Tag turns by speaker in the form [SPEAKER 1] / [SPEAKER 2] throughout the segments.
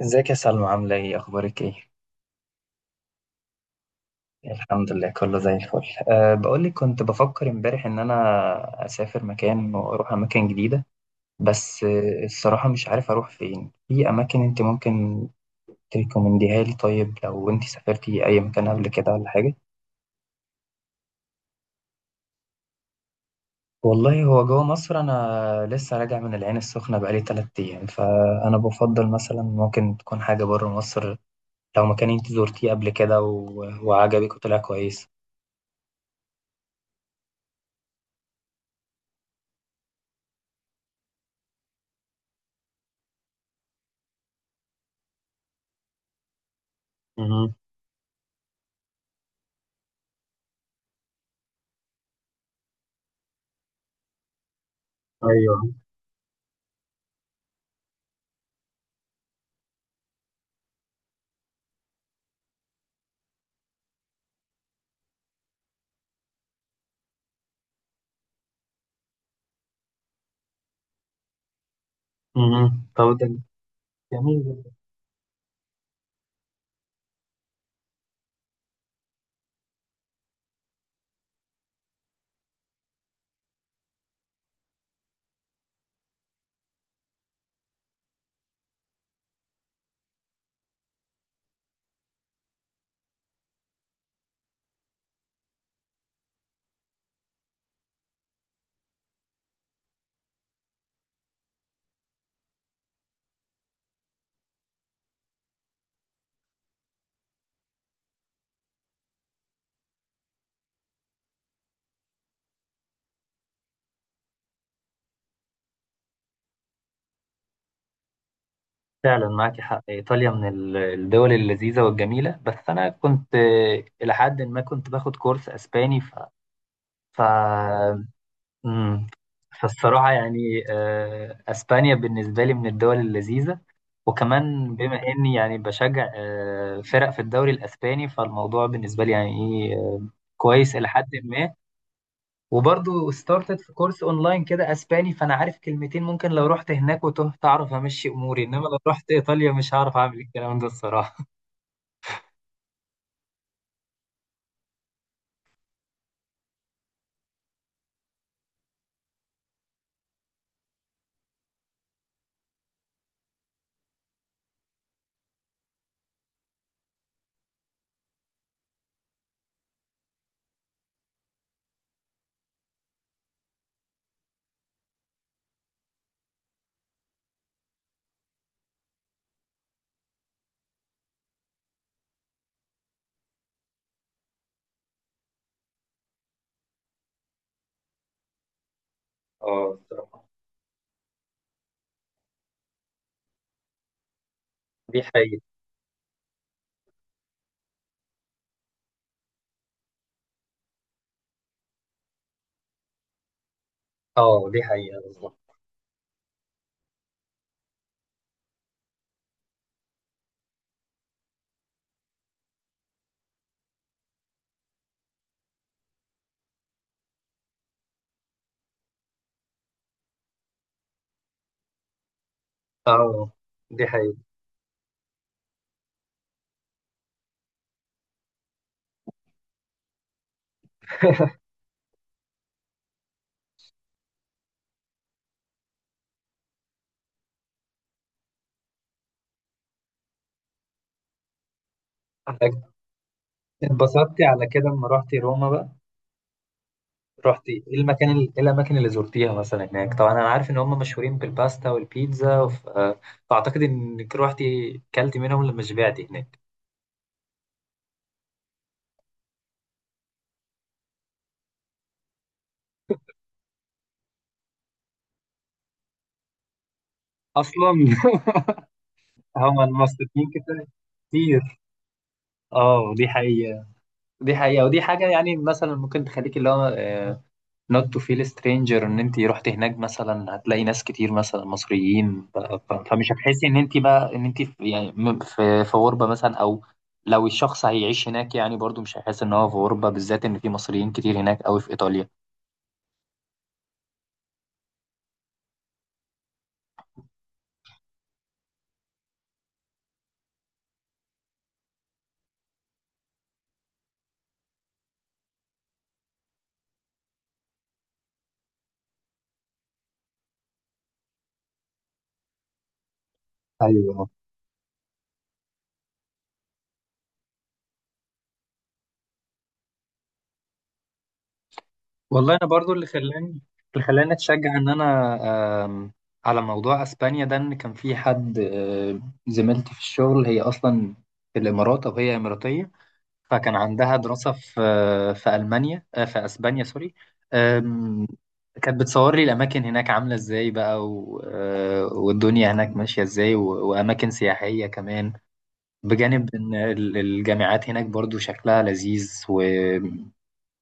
[SPEAKER 1] ازيك يا سلمى، عاملة ايه؟ اخبارك ايه؟ الحمد لله، كله زي الفل. بقولك، كنت بفكر امبارح ان انا اسافر مكان واروح اماكن جديدة. بس الصراحة مش عارف اروح فين، في اماكن انت ممكن تريكومنديها لي؟ طيب، لو انت سافرتي اي مكان قبل كده ولا حاجة؟ والله هو جوه مصر، انا لسه راجع من العين السخنة بقالي 3 ايام، فانا بفضل مثلا ممكن تكون حاجة بره مصر، لو مكان انت زرتيه قبل كده و... وعجبك وطلع كويس. مهم. ايوه. مم. طب ده جميل جدا. فعلا معاكي حق، ايطاليا من الدول اللذيذه والجميله، بس انا كنت الى حد ما كنت باخد كورس اسباني ف ف مم. فالصراحه يعني اسبانيا بالنسبه لي من الدول اللذيذه، وكمان بما اني يعني بشجع فرق في الدوري الاسباني، فالموضوع بالنسبه لي يعني ايه، كويس الى حد ما. وبرضه ستارتت في كورس اونلاين كده اسباني، فانا عارف كلمتين، ممكن لو رحت هناك وتهت اعرف امشي اموري، انما لو رحت ايطاليا مش هعرف اعمل الكلام ده الصراحه. اه الصراحة. دي حقيقة. اه دي حقيقة بالظبط. اه دي حقيقة. اتبسطتي على كده لما رحتي روما بقى؟ رحتي ايه المكان ايه الاماكن اللي زرتيها مثلا هناك؟ طبعا انا عارف ان هم مشهورين بالباستا والبيتزا وف... آه، فاعتقد انك روحتي كلتي منهم لما شبعتي هناك. اصلا هم المصريين كده كتير. اه دي حقيقة. دي حقيقة، ودي حاجة يعني مثلا ممكن تخليك اللي هو نوت تو فيل سترينجر، ان انت رحت هناك مثلا هتلاقي ناس كتير مثلا مصريين، فمش هتحسي ان انت بقى ان انت في يعني في غربة مثلا، او لو الشخص هيعيش هناك يعني برضو مش هيحس ان هو في غربة، بالذات ان في مصريين كتير هناك قوي في ايطاليا. ايوه. والله انا برضو اللي خلاني اتشجع ان انا، على موضوع اسبانيا ده، ان كان في حد زميلتي في الشغل، هي اصلا في الامارات، او هي اماراتيه، فكان عندها دراسه في في المانيا، في اسبانيا، سوري. آم، كانت بتصور لي الاماكن هناك عامله ازاي بقى والدنيا هناك ماشيه ازاي واماكن سياحيه كمان، بجانب ان الجامعات هناك برضو شكلها لذيذ.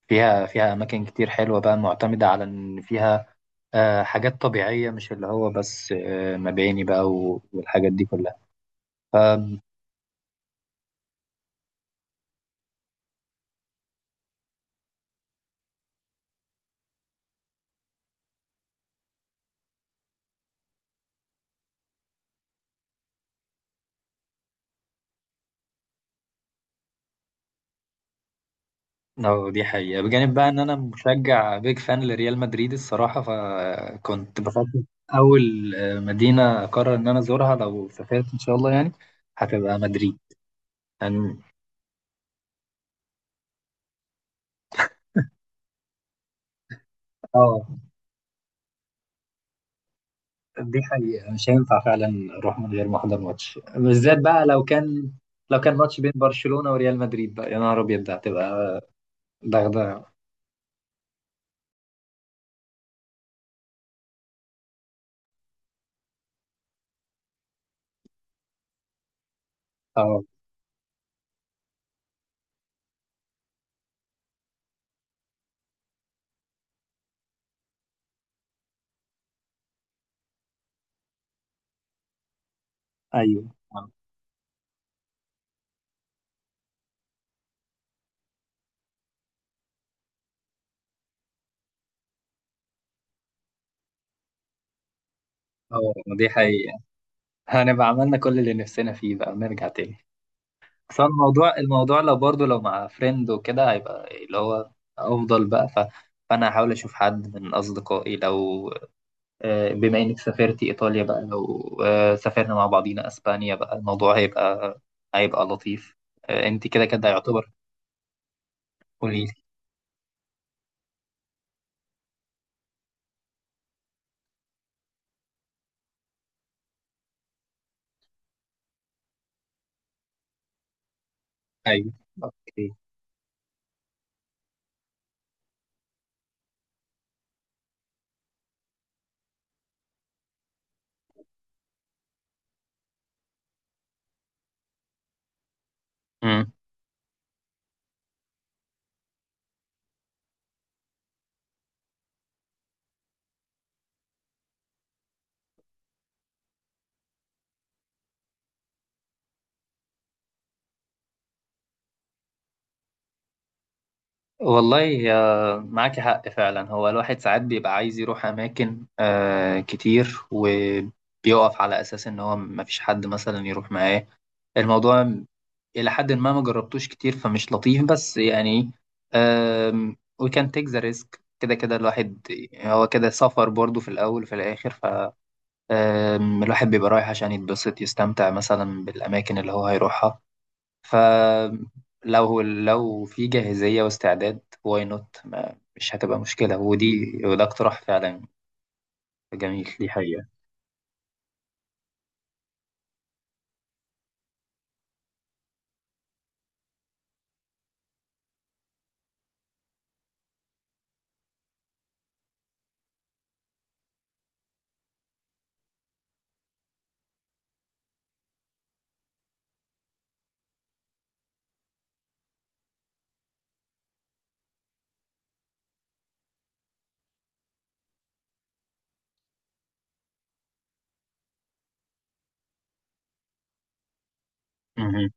[SPEAKER 1] فيها أماكن كتير حلوة بقى معتمدة على إن فيها حاجات طبيعية، مش اللي هو بس مباني بقى والحاجات دي كلها. اه دي حقيقة، بجانب بقى إن أنا مشجع بيج فان لريال مدريد الصراحة، فكنت بفكر أول مدينة أقرر إن أنا أزورها لو سافرت إن شاء الله، يعني هتبقى مدريد يعني. اه دي حقيقة، مش هينفع فعلا أروح من غير ما أحضر ماتش، بالذات بقى لو كان ماتش بين برشلونة وريال مدريد، بقى يا نهار أبيض، ده هتبقى ضغطة. اه. ايوه. اه. اه دي حقيقة، هنبقى عملنا كل اللي نفسنا فيه بقى ونرجع تاني. بس هو الموضوع لو برضه لو مع فريند وكده هيبقى اللي هو أفضل بقى. فأنا هحاول أشوف حد من أصدقائي، لو بما إنك سافرتي إيطاليا بقى، لو سافرنا مع بعضينا أسبانيا بقى، الموضوع هيبقى لطيف، أنت كده كده يعتبر. قوليلي. أيوه. أوكي. والله معاكي حق فعلا، هو الواحد ساعات بيبقى عايز يروح أماكن كتير، وبيقف على أساس إن هو مفيش حد مثلا يروح معاه، الموضوع إلى حد ما ما جربتوش كتير فمش لطيف، بس يعني آم، we can take the risk، كده كده الواحد هو كده سفر برضه في الأول وفي الآخر. الواحد بيبقى رايح عشان يتبسط، يستمتع مثلا بالأماكن اللي هو هيروحها، فلو في جاهزية واستعداد واي نوت، مش هتبقى مشكلة، ودي وده اقتراح فعلا جميل، دي حقيقة. مهم.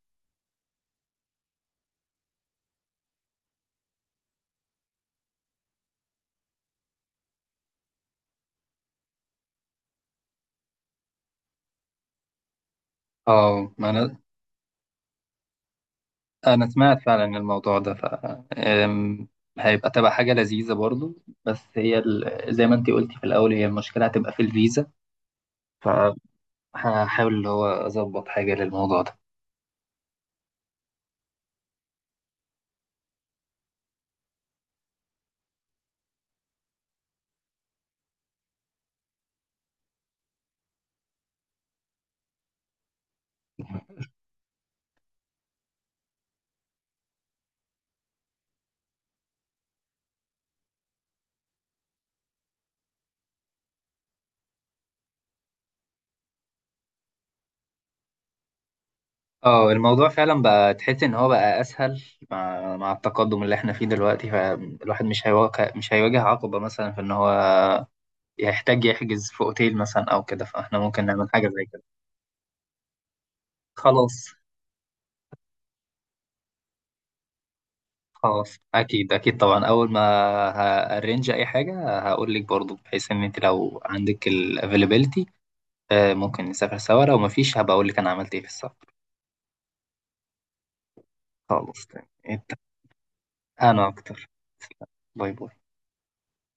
[SPEAKER 1] اه ما انا، انا سمعت فعلا الموضوع ده، أم، تبقى حاجة لذيذة برضو. بس هي زي ما انتي قلتي في الاول، هي المشكلة هتبقى في الفيزا، فهحاول اللي هو اظبط حاجة للموضوع ده. اه الموضوع فعلا بقى تحس ان هو بقى اسهل، مع التقدم اللي احنا فيه دلوقتي، فالواحد مش هيواجه عقبة مثلا في ان هو يحتاج يحجز في اوتيل مثلا او كده، فاحنا ممكن نعمل حاجة زي كده. خلاص. خلاص اكيد اكيد، طبعا اول ما هارينج اي حاجة هقول لك برضو، بحيث ان انت لو عندك الافيلابيلتي ممكن نسافر سوا، لو مفيش هبقى اقول لك انا عملت ايه في السفر. خلاص تمام. اتفقنا. انا اكتر. باي باي.